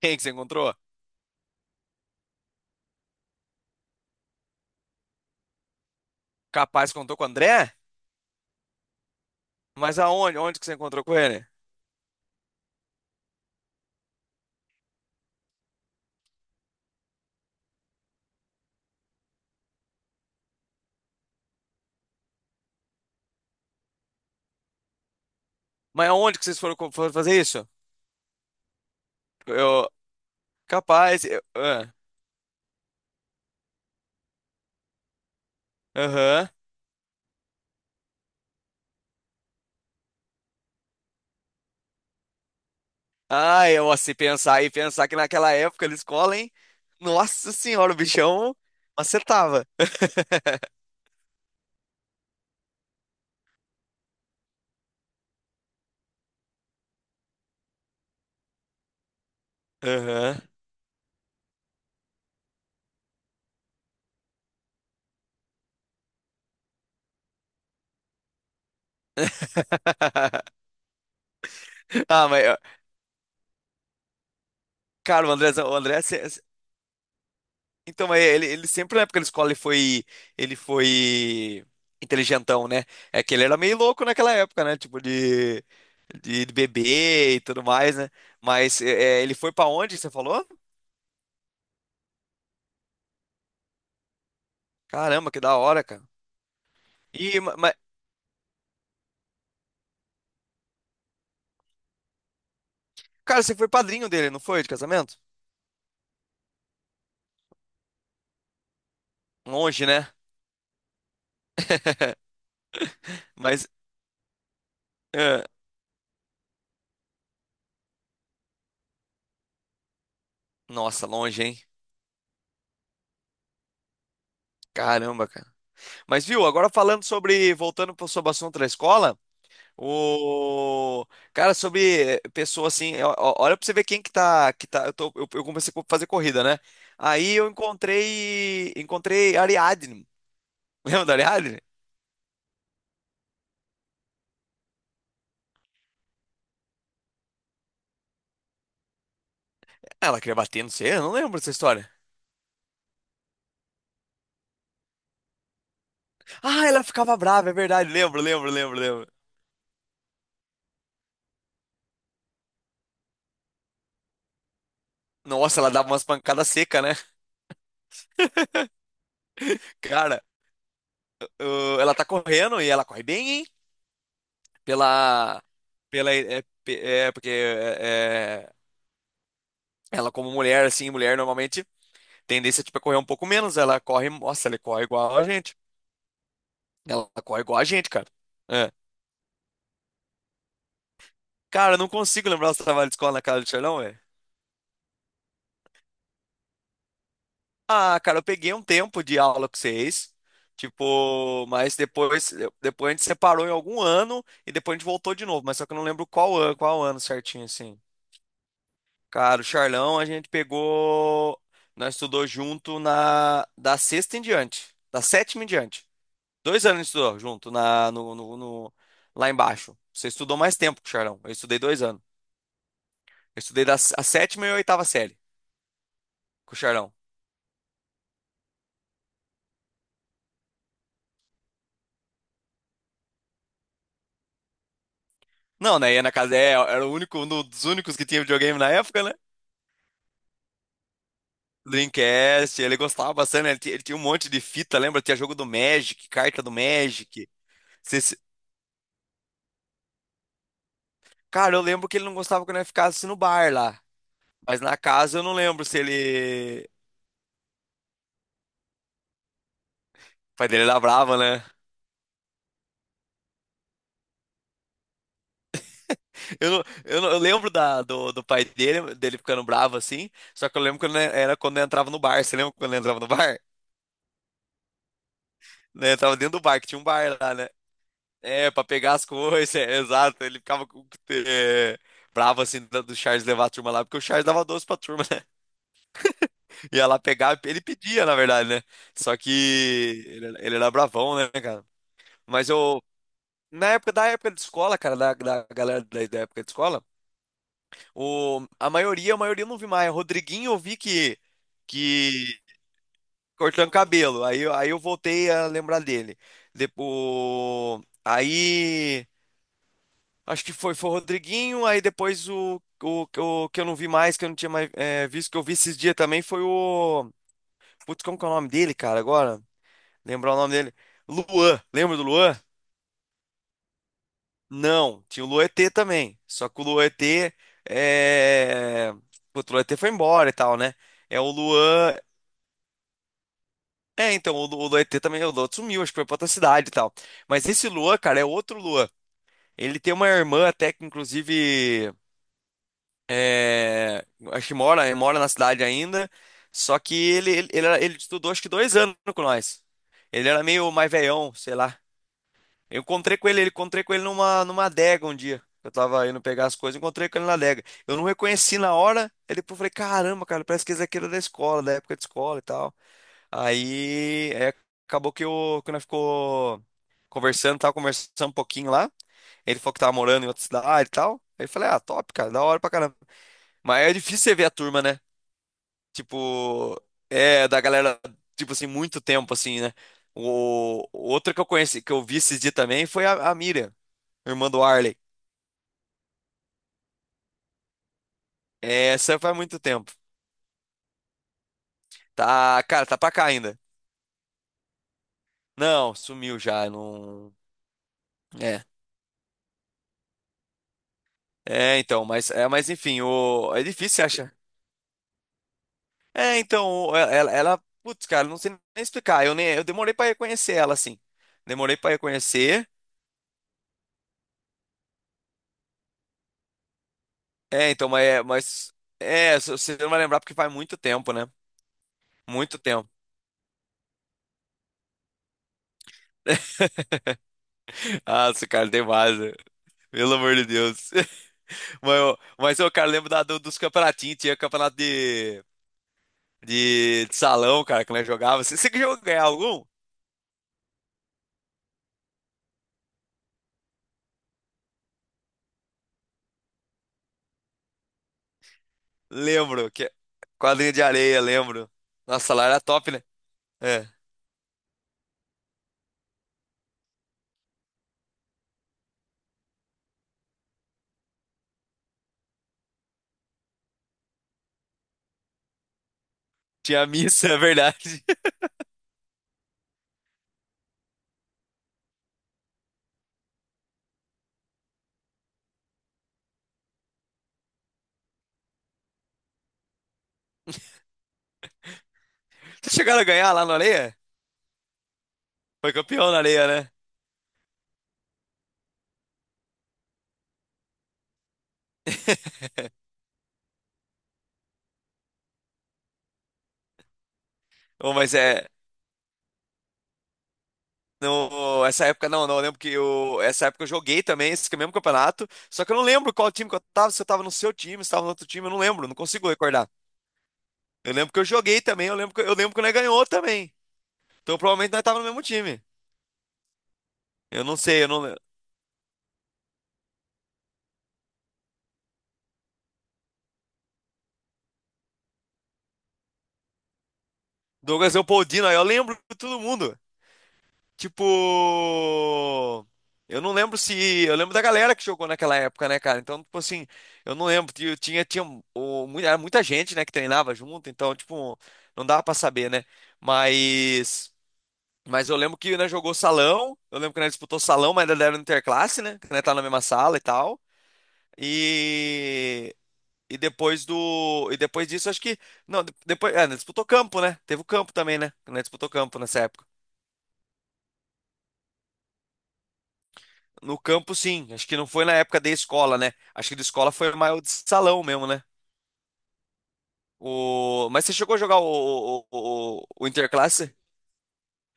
Quem que você encontrou? Capaz que contou com o André? Mas aonde? Onde que você encontrou com ele? Mas aonde que vocês foram, foram fazer isso? Eu, capaz, eu, ah, aham. Se pensar que naquela época na escola, hein? Nossa senhora, o bichão acertava. Aham. Ah, mas, ó, cara, o André, Então, ele sempre na época da escola ele foi inteligentão, né? É que ele era meio louco naquela época, né? Tipo de beber e tudo mais, né? Ele foi pra onde, você falou? Caramba, que da hora, cara. E, ma- mas, cara, você foi padrinho dele, não foi, de casamento? Longe, né? Mas, é, nossa, longe, hein? Caramba, cara. Mas viu, agora falando sobre, voltando para o assunto da escola, o cara sobre pessoa assim, ó, olha pra você ver quem que tá, eu tô, eu comecei a fazer corrida, né? Aí encontrei Ariadne. Lembra da Ariadne? Ela queria bater, não sei, eu não lembro dessa história. Ah, ela ficava brava, é verdade, lembro. Nossa, ela dava umas pancadas secas, né? Cara, ela tá correndo e ela corre bem, hein? Pela, pela, é, pe- é, porque é, é, ela como mulher, assim, mulher normalmente tendência tipo, é correr um pouco menos. Ela corre, nossa, ela corre igual a gente. Ela corre igual a gente, cara. É. Cara, eu não consigo lembrar os trabalhos de escola na casa do Charlão, velho. Ah, cara, eu peguei um tempo de aula com vocês. Tipo, mas depois, depois a gente separou em algum ano e depois a gente voltou de novo, mas só que eu não lembro qual ano certinho, assim. Cara, o Charlão a gente pegou. Nós estudou junto na da sexta em diante. Da sétima em diante. Dois anos a gente estudou junto na, no, no- no- lá embaixo. Você estudou mais tempo com o Charlão. Eu estudei dois anos. Eu estudei a sétima e a oitava série com o Charlão. Não, né? Ia na casa. É, era o único, um dos únicos que tinha videogame na época, né? Dreamcast, ele gostava bastante, né? Ele tinha um monte de fita, lembra? Tinha jogo do Magic, carta do Magic. Você se- Cara, eu lembro que ele não gostava quando eu ficava assim no bar lá. Mas na casa eu não lembro se ele. O pai dele era brava, né? Eu, não- eu, não- eu lembro do pai dele, dele ficando bravo assim, só que eu lembro era quando eu entrava no bar. Você lembra quando eu entrava no bar? Né, eu entrava dentro do bar, que tinha um bar lá, né? É, pra pegar as coisas, é, exato. Ele ficava com- é, bravo assim do Charles levar a turma lá, porque o Charles dava doce pra turma, né? Ia lá pegar, ele pedia, na verdade, né? Só que ele era bravão, né, cara? Mas eu, na época da época de escola, cara, da galera da época de escola. A maioria eu não vi mais. O Rodriguinho eu vi que cortando cabelo. Aí, aí eu voltei a lembrar dele. Depois, aí acho que foi, foi o Rodriguinho, aí depois o que eu não vi mais, que eu não tinha mais visto, que eu vi esses dias também foi o. Putz, como que é o nome dele, cara, agora? Lembrar o nome dele. Luan, lembra do Luan? Não, tinha o Luan ET também. Só que o Luan ET é. Putz, o Luan ET foi embora e tal, né? É o Luan. É, então, o Luan ET também, o Luan sumiu, acho que foi pra outra cidade e tal. Mas esse Luan, cara, é outro Luan. Ele tem uma irmã até que, inclusive, é, acho que mora na cidade ainda. Só que ele estudou acho que dois anos com nós. Ele era meio mais velhão, sei lá. Eu encontrei com ele, encontrei com ele numa, numa adega um dia. Eu tava indo pegar as coisas, encontrei com ele na adega. Eu não reconheci na hora, aí depois eu falei, caramba, cara, parece que esse aqui era da escola, da época de escola e tal. Aí é, acabou que o que nós ficou conversando, tava conversando um pouquinho lá. Ele falou que tava morando em outra cidade e tal. Aí eu falei, ah, top, cara, da hora pra caramba. Mas é difícil você ver a turma, né? Tipo, é da galera, tipo assim, muito tempo, assim, né? O outra que eu conheci, que eu vi esse dia também, foi a Miriam, irmã do Arley. Essa faz muito tempo. Tá, cara, tá pra cá ainda. Não, sumiu já, não. É. É, então, mas é, mas enfim, o é difícil achar. É, então, putz, cara, não sei nem explicar. Eu nem, eu demorei pra reconhecer ela, assim. Demorei pra reconhecer. É, então, mas, mas você não vai lembrar porque faz muito tempo, né? Muito tempo. Ah, esse cara tem base. Pelo amor de Deus. Mas eu, cara, lembro dos campeonatinhos. Tinha campeonato de salão, cara, que nós jogava. Você que jogou ganhar algum? Lembro. É quadrinha de areia, lembro. Nossa, lá era top, né? É. Tinha missa, é verdade. Vocês chegaram a ganhar lá na areia? Foi campeão na areia, né? Ô, mas é. No, essa época não, não. Eu lembro que eu, essa época eu joguei também esse mesmo campeonato. Só que eu não lembro qual time que eu tava, se eu tava no seu time, se tava no outro time, eu não lembro, não consigo recordar. Eu lembro que eu joguei também, eu lembro que nós ganhou também. Então provavelmente nós tava no mesmo time. Eu não sei, eu não lembro. Douglas Leopoldino, aí eu lembro de todo mundo. Tipo, eu não lembro se. Eu lembro da galera que jogou naquela época, né, cara? Então, tipo assim, eu não lembro. Eu tinha, tinha o, mu- era muita gente, né, que treinava junto, então, tipo, não dava pra saber, né? Mas. Mas eu lembro que, né, jogou salão. Eu lembro que nós disputou salão, mas ainda era interclasse, né? Que nós tá na mesma sala e tal. E. E depois do. E depois disso, acho que. Não, de- depois. É, nós disputou campo, né? Teve o campo também, né? Nós disputou campo nessa época. No campo, sim. Acho que não foi na época da escola, né? Acho que da escola foi mais o de salão mesmo, né? O... Mas você chegou a jogar o Interclasse?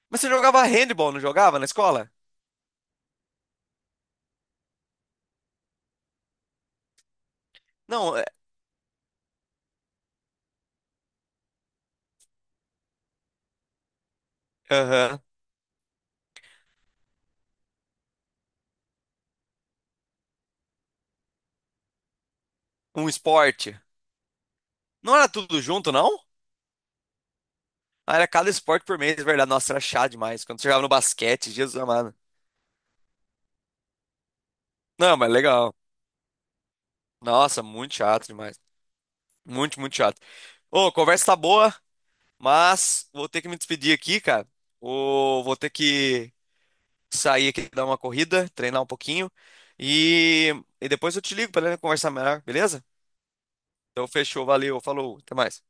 Mas você jogava handball, não jogava na escola? Não, é... aham. Um esporte. Não era tudo junto, não? Ah, era cada esporte por mês, é verdade. Nossa, era chato demais. Quando você jogava no basquete, Jesus amado. Não, mas legal. Nossa, muito chato demais. Muito chato. Ô, a conversa tá boa, mas vou ter que me despedir aqui, cara. Ô, vou ter que sair aqui, dar uma corrida, treinar um pouquinho. E, e depois eu te ligo para conversar melhor, beleza? Então fechou, valeu, falou, até mais.